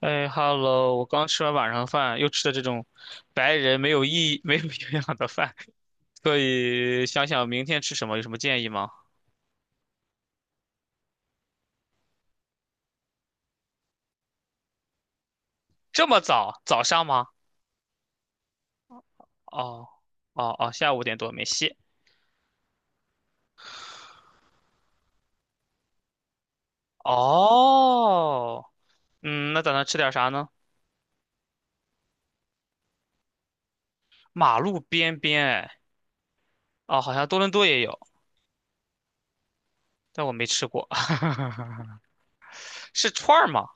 哎哈喽！我刚吃完晚上饭，又吃的这种白人没有意义、没有营养的饭，所以想想明天吃什么，有什么建议吗？这么早？早上吗？哦。哦哦，下午五点多没戏。哦。嗯，那打算吃点啥呢？马路边边，哎。哦，好像多伦多也有，但我没吃过。是串儿吗？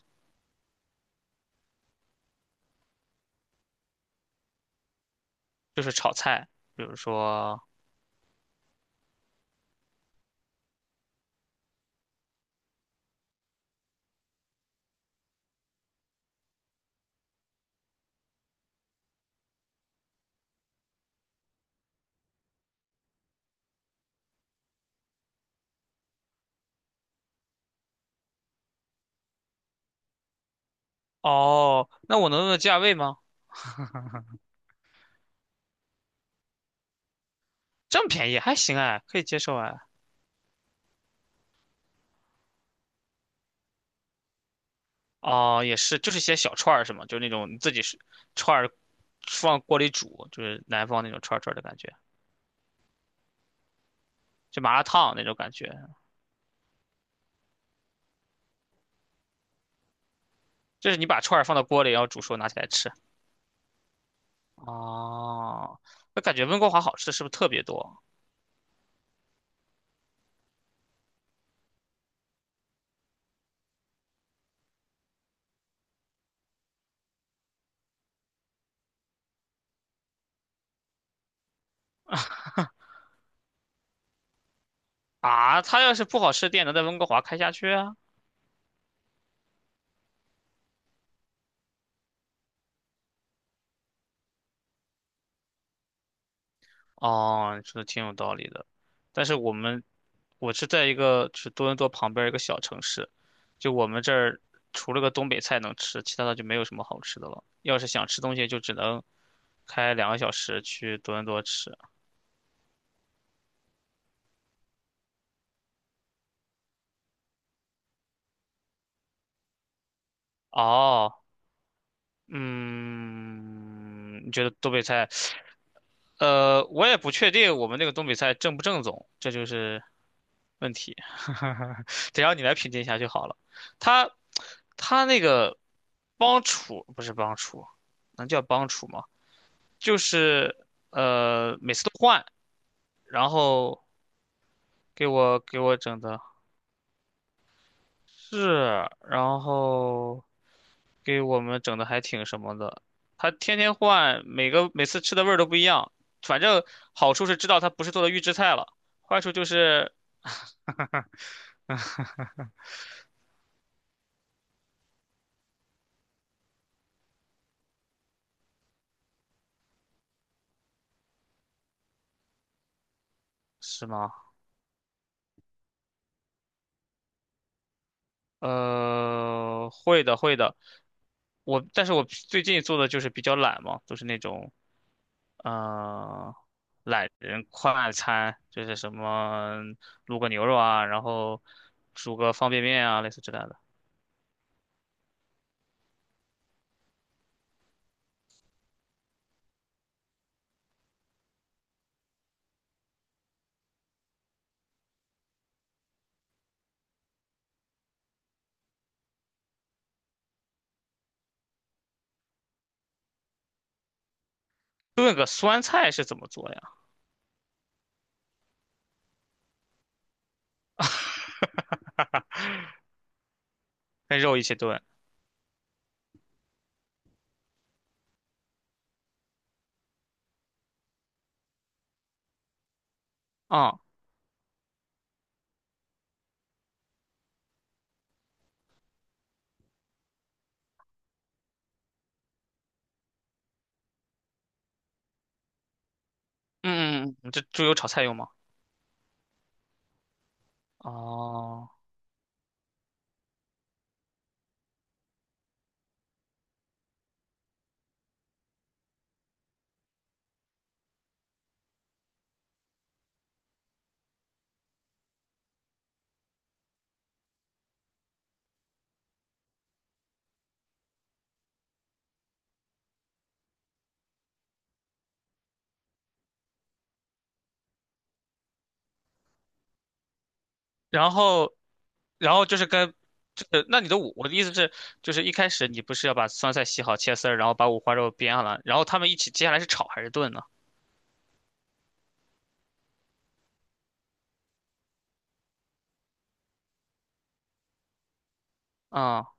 就是炒菜，比如说，哦，那我能问问价位吗？这么便宜，还行哎，可以接受哎。哦，也是，就是些小串儿是吗？就是那种你自己是串儿放锅里煮，就是南方那种串儿串儿的感觉，就麻辣烫那种感觉，就是你把串儿放到锅里，然后煮熟拿起来吃。哦，那感觉温哥华好吃的是不是特别多啊？它要是不好吃的店能在温哥华开下去啊？哦，你说的挺有道理的，但是我们我是在一个就是多伦多旁边儿一个小城市，就我们这儿除了个东北菜能吃，其他的就没有什么好吃的了。要是想吃东西，就只能。开两个小时去多伦多吃。哦。嗯，你觉得东北菜？我也不确定我们那个东北菜正不正宗，这就是问题。得让你来评定一下就好了。他他那个帮厨不是帮厨，能叫帮厨吗？就是每次都换，然后给我整的是，然后。给我们整的还挺什么的，他天天换，每个每次吃的味儿都不一样。反正好处是知道他不是做的预制菜了，坏处就是，是吗？会的会的，我但是我最近做的就是比较懒嘛，都是那种嗯懒人快餐，就是什么卤个牛肉啊，然后煮个方便面啊，类似之类的。炖个酸菜是怎么做呀？跟肉一起炖。啊、嗯嗯嗯，嗯这猪油炒菜用吗？哦，然后，然后就是跟，就是那你的五，我的意思是，就是一开始你不是要把酸菜洗好切丝儿，然后把五花肉煸了，然后他们一起，接下来是炒还是炖呢？啊、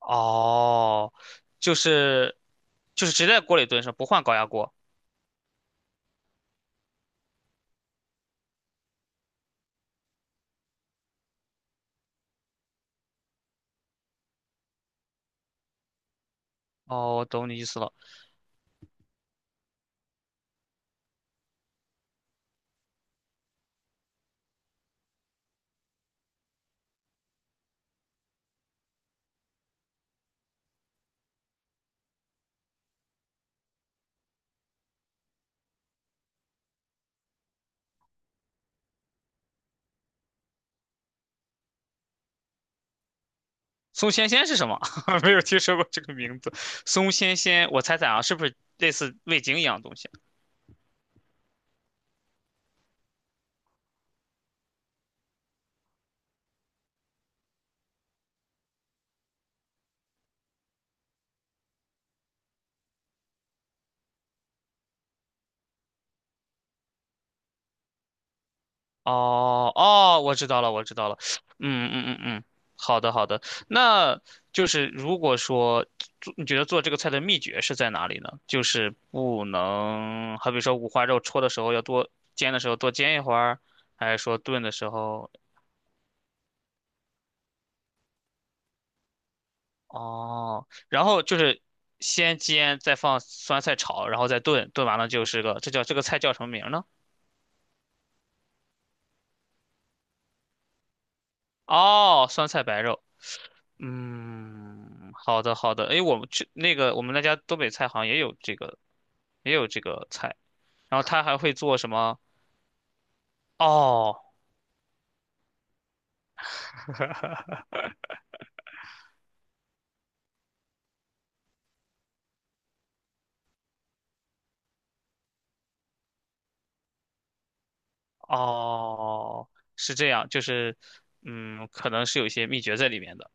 哦，就是就是直接在锅里炖是吧不换高压锅。哦，我懂你意思了。松鲜鲜是什么？没有听说过这个名字。松鲜鲜，我猜猜啊，是不是类似味精一样的东西啊。哦哦，我知道了，我知道了。嗯嗯嗯嗯，好的好的。那就是如果说做，你觉得做这个菜的秘诀是在哪里呢？就是不能，好比说五花肉焯的时候要多煎的时候多煎一会儿，还是说炖的时候哦，然后就是先煎，再放酸菜炒，然后再炖，炖完了就是个，这叫这个菜叫什么名儿呢？哦，酸菜白肉。嗯，好的好的。诶，我们去那个我们那家东北菜好像也有这个也有这个菜，然后他还会做什么？哦哦，是这样，就是嗯，可能是有一些秘诀在里面的。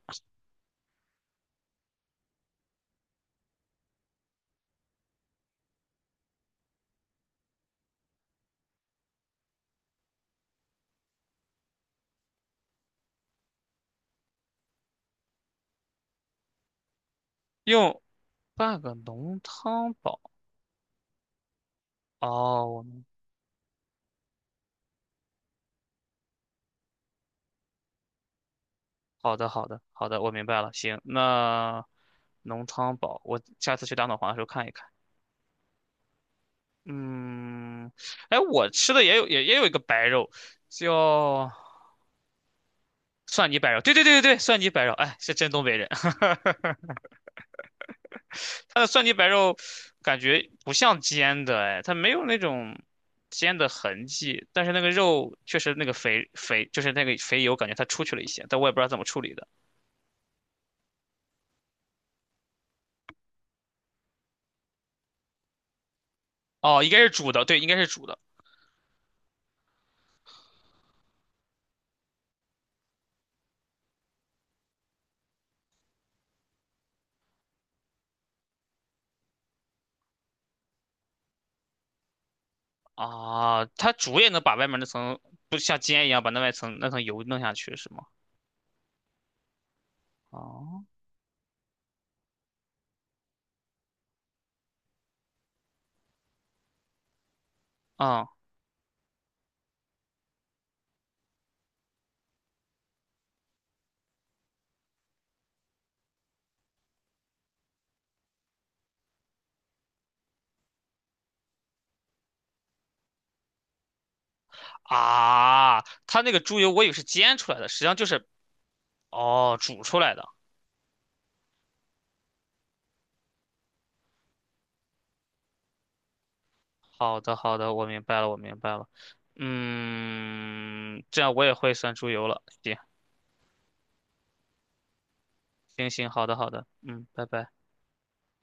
用半个浓汤宝。哦，我好的好的好的，我明白了。行，那浓汤宝，我下次去打脑黄的时候看一看。嗯，哎，我吃的也有也也有一个白肉，叫。蒜泥白肉，对对对对对，蒜泥白肉，哎，是真东北人。它的蒜泥白肉感觉不像煎的，哎，它没有那种煎的痕迹，但是那个肉确实那个肥肥，就是那个肥油，感觉它出去了一些，但我也不知道怎么处理的。哦，应该是煮的，对，应该是煮的啊。它煮也能把外面那层，不像煎一样把那外层那层油弄下去是吗？哦，嗯啊，它那个猪油我以为是煎出来的，实际上就是哦煮出来的。好的，好的，我明白了，我明白了。嗯，这样我也会算出油了。行，行行，好的，好的，嗯，拜拜。